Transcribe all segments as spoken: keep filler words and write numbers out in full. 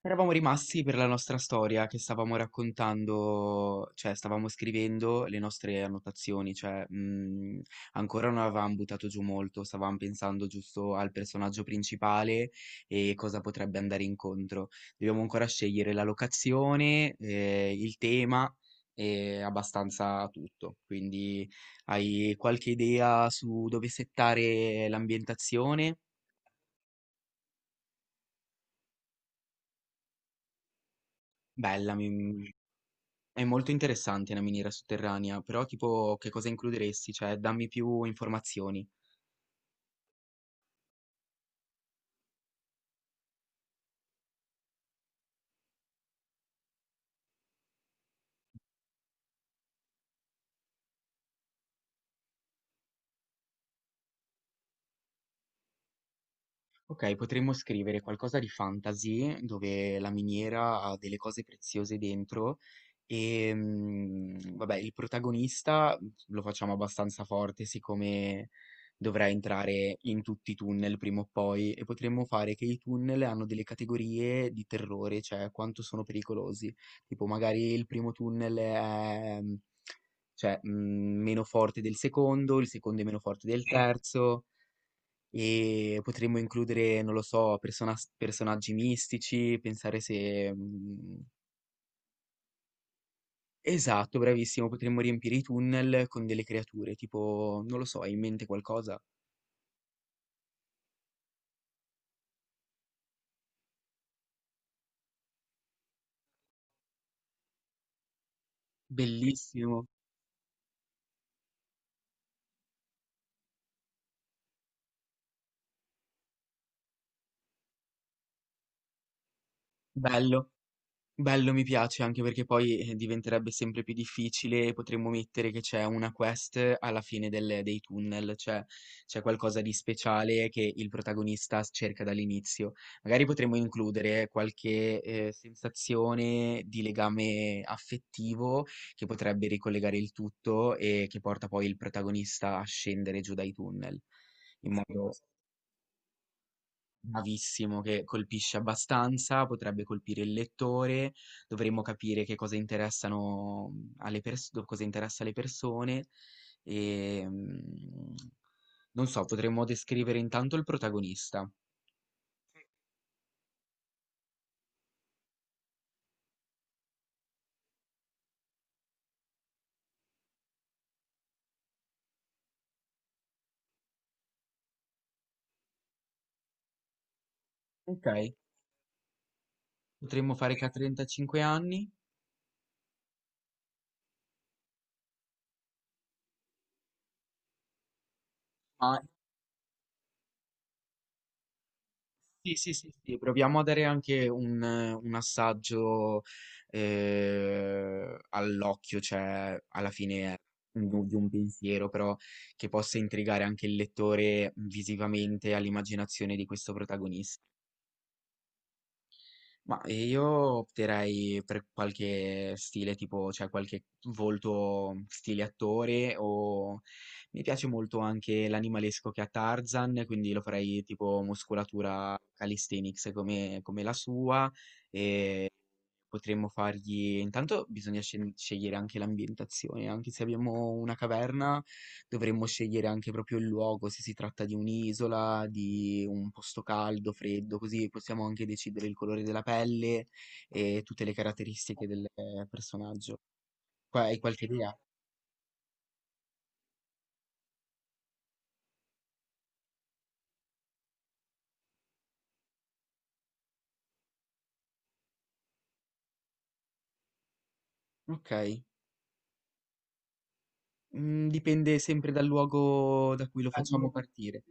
Eravamo rimasti per la nostra storia che stavamo raccontando, cioè stavamo scrivendo le nostre annotazioni, cioè mh, ancora non avevamo buttato giù molto, stavamo pensando giusto al personaggio principale e cosa potrebbe andare incontro. Dobbiamo ancora scegliere la locazione, eh, il tema e abbastanza tutto. Quindi hai qualche idea su dove settare l'ambientazione? Bella, mi, è molto interessante una miniera sotterranea, però tipo che cosa includeresti? Cioè, dammi più informazioni. Ok, potremmo scrivere qualcosa di fantasy dove la miniera ha delle cose preziose dentro e mm, vabbè, il protagonista mhmm, lo facciamo abbastanza forte, siccome dovrà entrare in tutti i tunnel prima o poi, e potremmo fare che i tunnel hanno delle categorie di terrore, cioè quanto sono pericolosi. Tipo magari il primo tunnel è mm, cioè, mm, meno forte del secondo, il secondo è meno forte del terzo. E potremmo includere, non lo so, personas- personaggi mistici, pensare se, mm, esatto, bravissimo, potremmo riempire i tunnel con delle creature, tipo, non lo so, hai in mente qualcosa? Bellissimo, bello. Bello, mi piace, anche perché poi, eh, diventerebbe sempre più difficile, e potremmo mettere che c'è una quest alla fine del dei tunnel, cioè c'è qualcosa di speciale che il protagonista s cerca dall'inizio. Magari potremmo includere qualche, ehm, sensazione di legame affettivo che potrebbe ricollegare il tutto e che porta poi il protagonista a scendere giù dai tunnel, in modo. Bravissimo, che colpisce abbastanza, potrebbe colpire il lettore, dovremmo capire che cosa interessano mhmm, alle persone, cosa interessa alle persone e mm, non so, potremmo descrivere intanto il protagonista, ok? Potremmo fare che ha trentacinque anni, ma sì, sì, sì, sì, proviamo a dare anche un, un, assaggio eh, all'occhio, cioè alla fine è un- di un pensiero, però che possa intrigare anche il lettore visivamente all'immaginazione di questo protagonista. Ma ehm, io opterei per qualche stile tipo, cioè qualche volto mhmm, stile attore, o mi piace molto anche l'animalesco che ha Tarzan, quindi lo farei tipo muscolatura calisthenics come, come la sua, e potremmo fargli. Intanto bisogna scen- scegliere anche l'ambientazione, anche se abbiamo una caverna. Dovremmo scegliere anche proprio il luogo, se si tratta di un'isola, di un posto caldo, freddo, così possiamo anche decidere il colore della pelle e tutte le caratteristiche del eh, personaggio. Qua hai qualche idea? Ok, Mm, dipende sempre dal luogo da cui lo facciamo partire.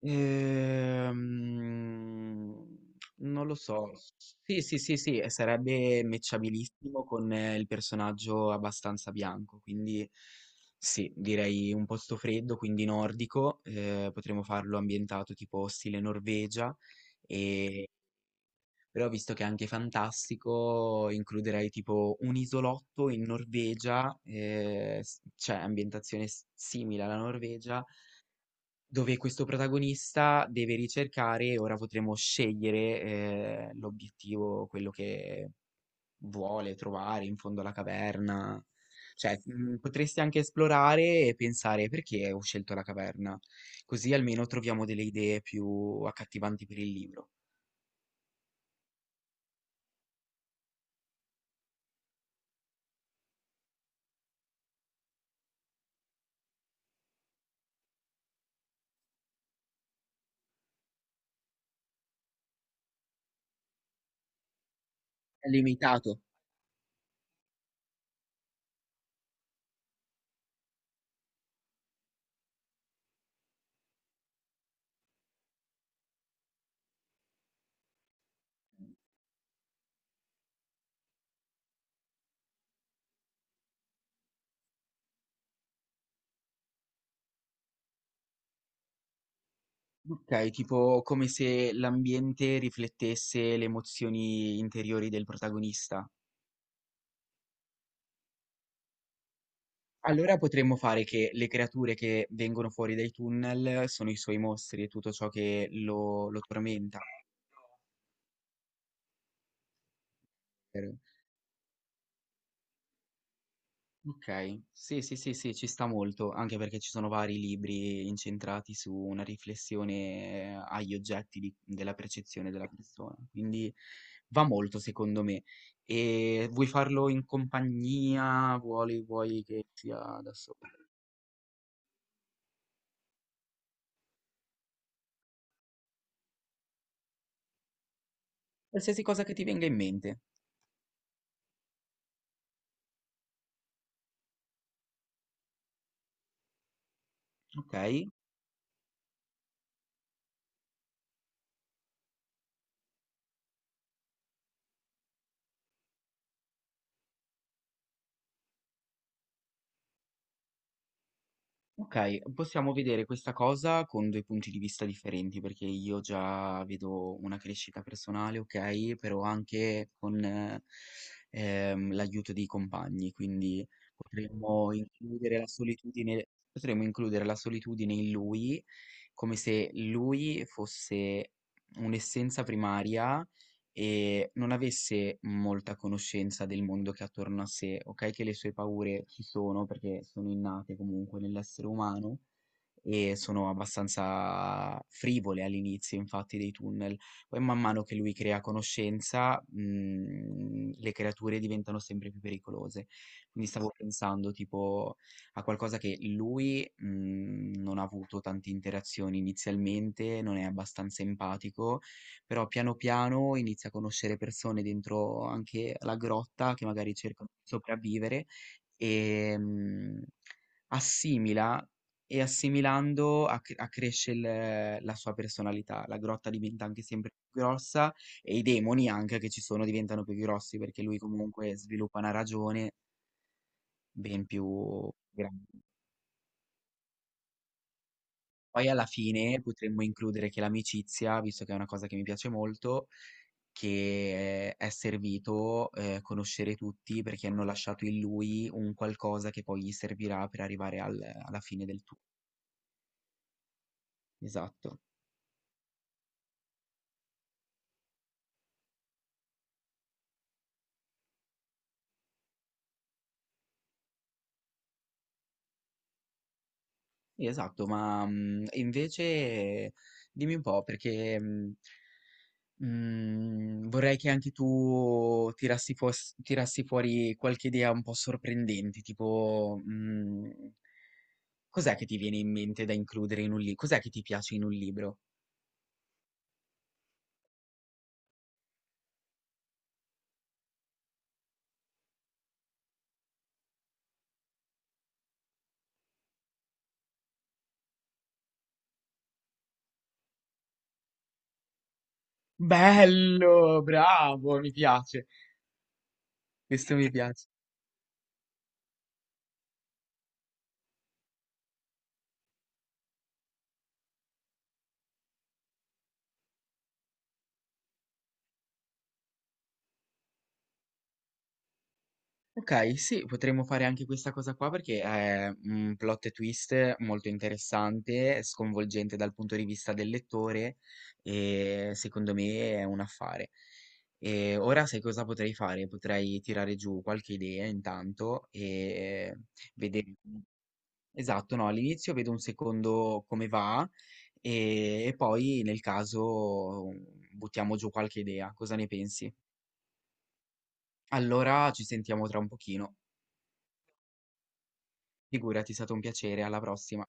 Ehm, non lo so. Sì, sì, sì, sì, e sarebbe matchabilissimo con eh, il personaggio abbastanza bianco, quindi sì, direi un posto freddo, quindi nordico, eh, potremmo farlo ambientato tipo stile Norvegia, e- però visto che è anche fantastico, includerei tipo un isolotto in Norvegia, eh, s- cioè ambientazione s- simile alla Norvegia, dove questo protagonista deve ricercare. Ora potremo scegliere eh, l'obiettivo, quello che vuole trovare in fondo alla caverna. Cioè, mm, potresti anche esplorare e pensare perché ho scelto la caverna, così almeno troviamo delle idee più accattivanti per il libro. È limitato. Ok, tipo come se l'ambiente riflettesse le emozioni interiori del protagonista. Allora potremmo fare che le creature che vengono fuori dai tunnel sono i suoi mostri e tutto ciò che lo, lo tormenta. Per- Ok, sì, sì, sì, sì, ci sta molto, anche perché ci sono vari libri incentrati su una riflessione eh, agli oggetti di- della percezione della persona. Quindi va molto, secondo me. E vuoi farlo in compagnia? Vuoi, vuoi che sia da solo? Qualsiasi cosa che ti venga in mente, ok? Ok, possiamo vedere questa cosa con due punti di vista differenti, perché io già vedo una crescita personale, ok, però anche con eh, ehm, l'aiuto dei compagni, quindi potremmo includere la solitudine, potremmo includere la solitudine in lui, come se lui fosse un'essenza primaria e non avesse molta conoscenza del mondo che ha attorno a sé, ok, che le sue paure ci sono perché sono innate comunque nell'essere umano, e sono abbastanza frivole all'inizio, infatti, dei tunnel. Poi man mano che lui crea conoscenza, mm, le creature diventano sempre più pericolose. Quindi stavo pensando tipo a qualcosa, che lui, mm, non ha avuto tante interazioni inizialmente, non è abbastanza empatico, però piano piano inizia a conoscere persone dentro anche la grotta, che magari cercano di sopravvivere, e mm, assimila, e assimilando acc- accresce il- la sua personalità. La grotta diventa anche sempre più grossa, e i demoni anche che ci sono diventano più grossi, perché lui comunque sviluppa una ragione ben più grande. Poi alla fine potremmo includere che l'amicizia, visto che è una cosa che mi piace molto, che eh, è servito eh, conoscere tutti, perché hanno lasciato in lui un qualcosa che poi gli servirà per arrivare al- alla fine del tuo. Esatto, sì, esatto, ma mm, invece dimmi un po' perché mm, mm, vorrei che anche tu tirassi, fuos- tirassi fuori qualche idea un po' sorprendente, tipo, mm, cos'è che ti viene in mente da includere in un li cos'è che ti piace in un libro? Bello, bravo, mi piace. Questo mi piace. Okay, sì, potremmo fare anche questa cosa qua, perché è un plot twist molto interessante, sconvolgente dal punto di vista del lettore, e secondo me è un affare. E ora sai cosa potrei fare? Potrei tirare giù qualche idea intanto, e vedere. Esatto, no, all'inizio vedo un secondo come va, e, e poi nel caso mm, buttiamo giù qualche idea, cosa ne pensi? Allora ci sentiamo tra un pochino. Figurati, è stato un piacere, alla prossima.